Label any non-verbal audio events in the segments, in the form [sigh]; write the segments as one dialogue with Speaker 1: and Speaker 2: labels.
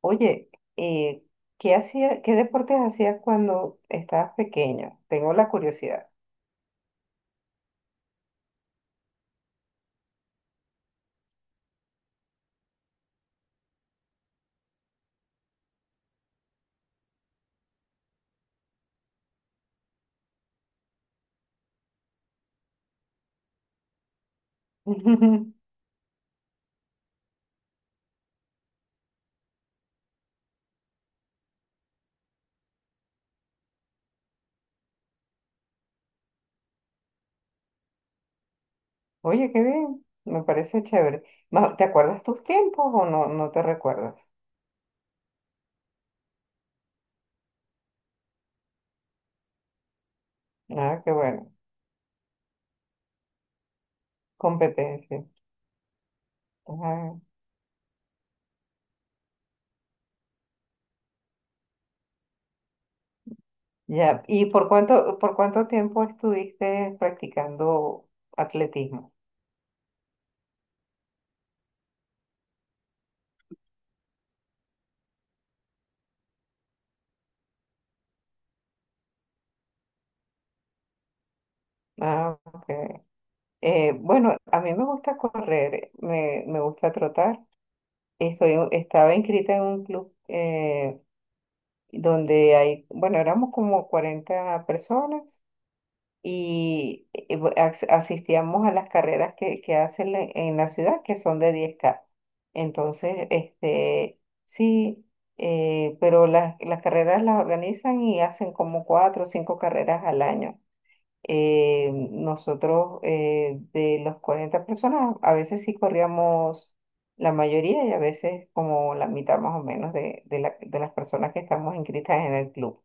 Speaker 1: Oye, eh, ¿qué hacía, qué deportes hacías cuando estabas pequeño? Tengo la curiosidad. [laughs] Oye, qué bien, me parece chévere. ¿Te acuerdas tus tiempos o no te recuerdas? Ah, qué bueno, competencia. Ah, ya, ¿y por cuánto tiempo estuviste practicando atletismo? Ah, ok. Bueno, a mí me gusta correr, me gusta trotar. Estaba inscrita en un club. Donde hay, bueno, éramos como 40 personas y asistíamos a las carreras que hacen en la ciudad, que son de 10 K. Entonces, sí, pero las carreras las organizan y hacen como cuatro o cinco carreras al año. Nosotros de los 40 personas, a veces sí corríamos la mayoría y a veces como la mitad más o menos de, de las personas que estamos inscritas en el club.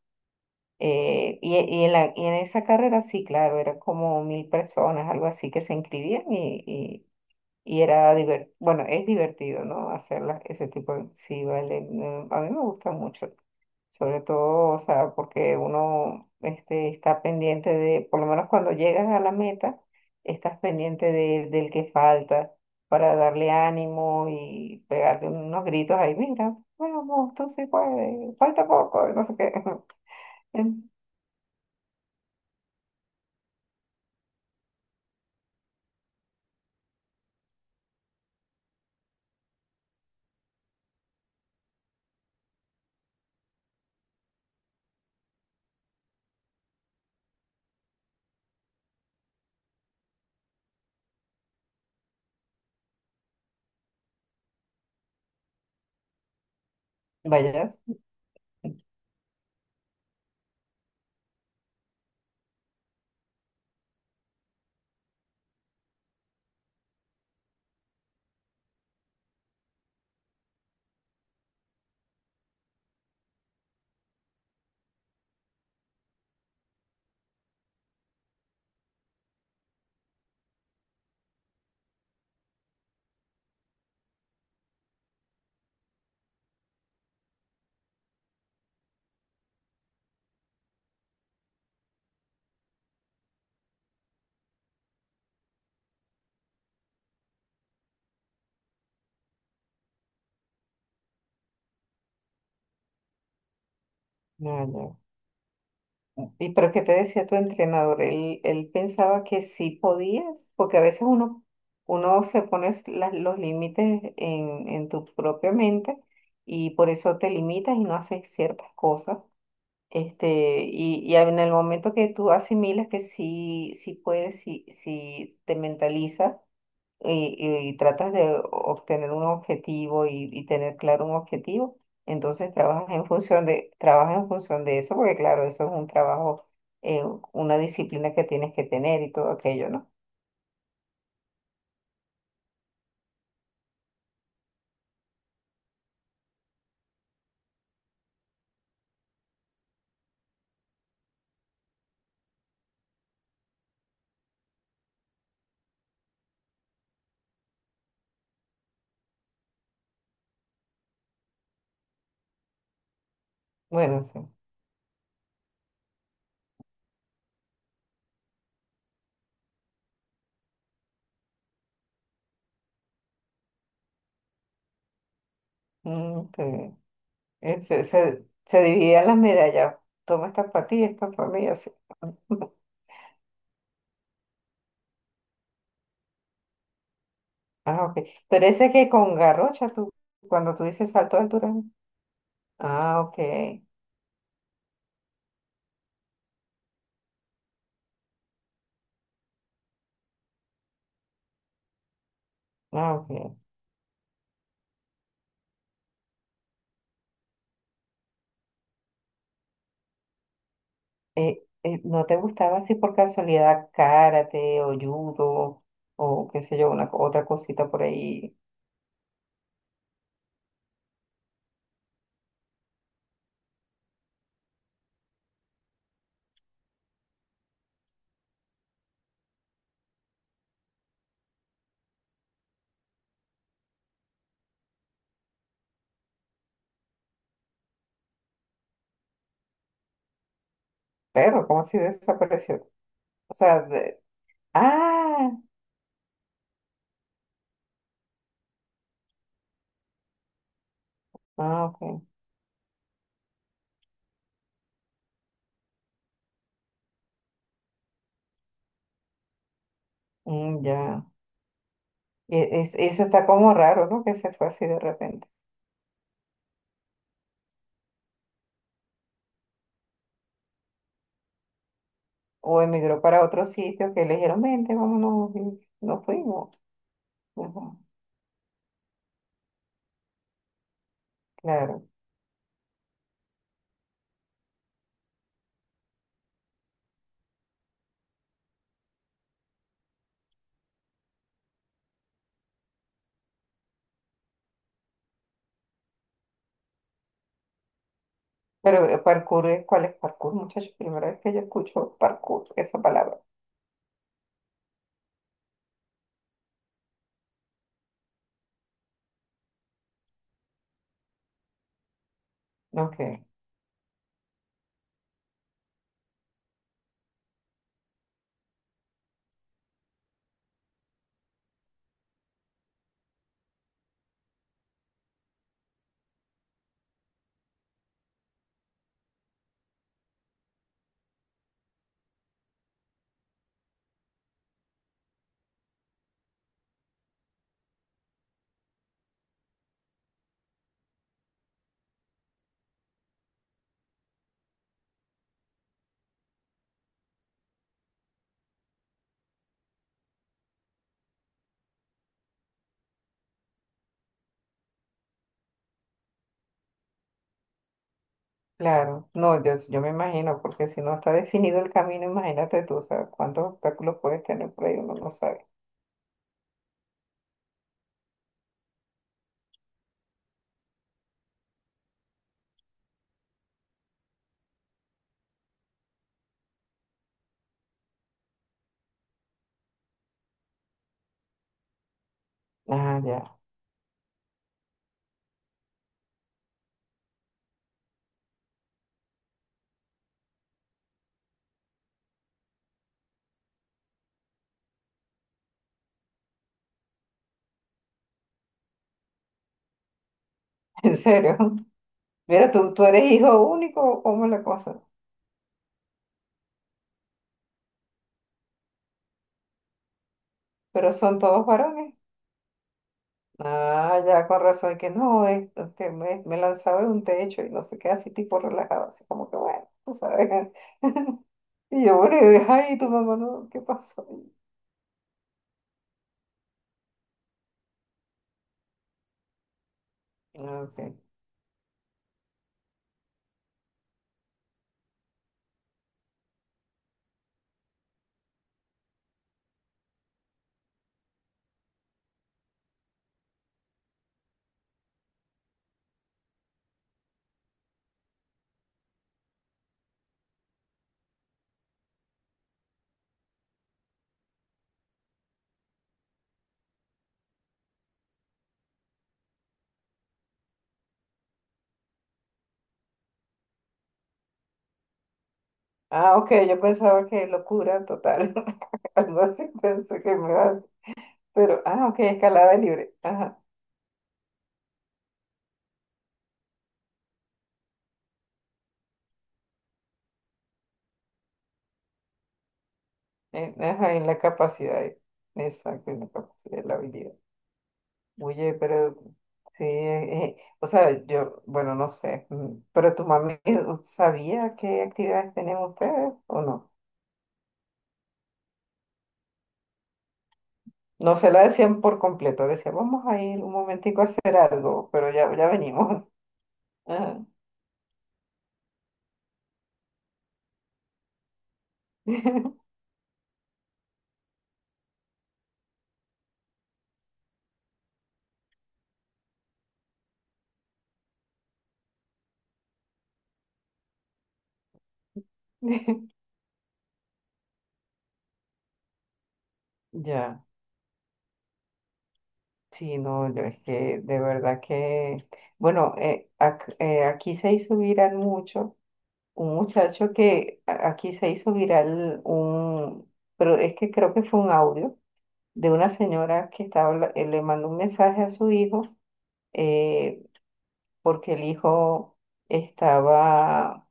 Speaker 1: Y en y en esa carrera sí, claro, eran como 1000 personas, algo así, que se inscribían y era divertido, bueno, es divertido, ¿no? Hacer ese tipo de. Sí, vale, no, a mí me gusta mucho sobre todo, o sea, porque uno está pendiente de, por lo menos cuando llegas a la meta, estás pendiente de, del que falta para darle ánimo y pegarle unos gritos ahí, mira, vamos, tú sí puedes, falta poco, y no sé qué. [laughs] Vayas. ¿Y pero qué te decía tu entrenador? Él pensaba que sí podías, porque a veces uno, uno se pone los límites en tu propia mente y por eso te limitas y no haces ciertas cosas. Este, y en el momento que tú asimilas que sí, sí puedes, sí, sí te mentalizas, y tratas de obtener un objetivo y tener claro un objetivo, entonces trabajas en función de, trabajas en función de eso, porque claro, eso es un trabajo, eh, una disciplina que tienes que tener y todo aquello, ¿no? Bueno, sí. Mm, qué bien. Se dividían las medallas. Toma esta para ti, esta para mí, así. [laughs] Ah, ok. Pero ese que con garrocha, tú, cuando tú dices salto de altura, ¿no? Ah, ok. Ah, ok. ¿No te gustaba así por casualidad karate o judo o qué sé yo, otra cosita por ahí? Pero, ¿cómo así desapareció? O sea, ah, ah, ok, mm, ya. Eso está como raro, ¿no? Que se fue así de repente. O emigró para otro sitio que le dijeron, vente, vámonos, y nos fuimos. Ajá, claro. Pero parkour, ¿cuál es parkour, muchachos? Primera vez que yo escucho parkour, esa palabra. Ok. Claro, no, yo me imagino, porque si no está definido el camino, imagínate tú, o sea, cuántos obstáculos puedes tener por ahí, uno no sabe. Ah, ya, [laughs] en serio. Mira, tú eres hijo único, o ¿cómo es la cosa? Pero son todos varones. Ah, ya, con razón, que no, es, que me lanzaba de un techo y no sé qué, así tipo relajado, así como que bueno, tú sabes. [laughs] Y yo, bueno, ay, tu mamá, no, ¿qué pasó? Ah, ok. Ah, ok, yo pensaba que locura total, [laughs] algo así pensé que me iba a. Pero, ah, ok, escalada libre. Ajá, ajá, en la capacidad. Exacto, en la capacidad de la habilidad. Oye, pero sí, o sea, yo, bueno, no sé, mm, pero tu mami sabía qué actividades tenían ustedes o no. No se la decían por completo, decía, vamos a ir un momentico a hacer algo, pero ya, ya venimos. [laughs] Ajá. [laughs] Ya, sí, no, yo es que de verdad que, bueno, aquí se hizo viral mucho un muchacho aquí se hizo viral un, pero es que creo que fue un audio de una señora que estaba, le mandó un mensaje a su hijo, eh, porque el hijo estaba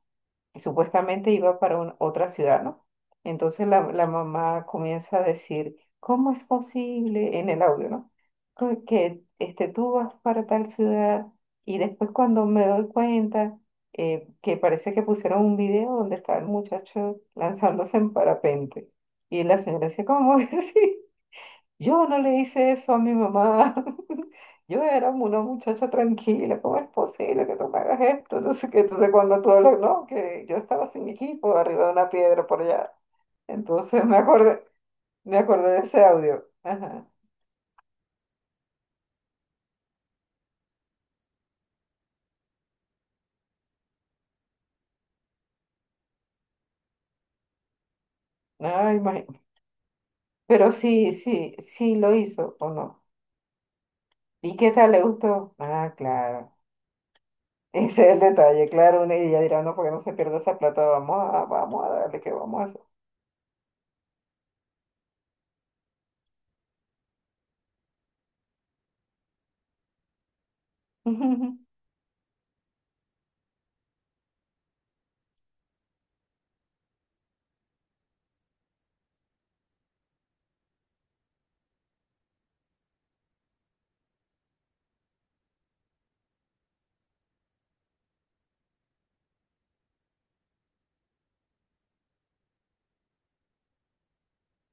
Speaker 1: y supuestamente iba para otra ciudad, ¿no? Entonces la mamá comienza a decir, ¿cómo es posible? En el audio, ¿no? Que este, tú vas para tal ciudad y después cuando me doy cuenta que parece que pusieron un video donde estaba el muchacho lanzándose en parapente". Y la señora dice, ¿cómo [laughs] es así? Yo no le hice eso a mi mamá. [laughs] Yo era una muchacha tranquila. ¿Cómo es posible que tú me hagas esto? No sé qué. Entonces, cuando tú hablas, no, que yo estaba sin mi equipo arriba de una piedra por allá. Entonces, me acordé de ese audio. Ajá. Ay, ma- Pero sí, sí, sí lo hizo o no. ¿Y qué tal le gustó? Ah, claro. Ese es el detalle, claro. una- Y ella dirá, no, porque no se pierda esa plata. Vamos a darle que vamos a hacer. [laughs]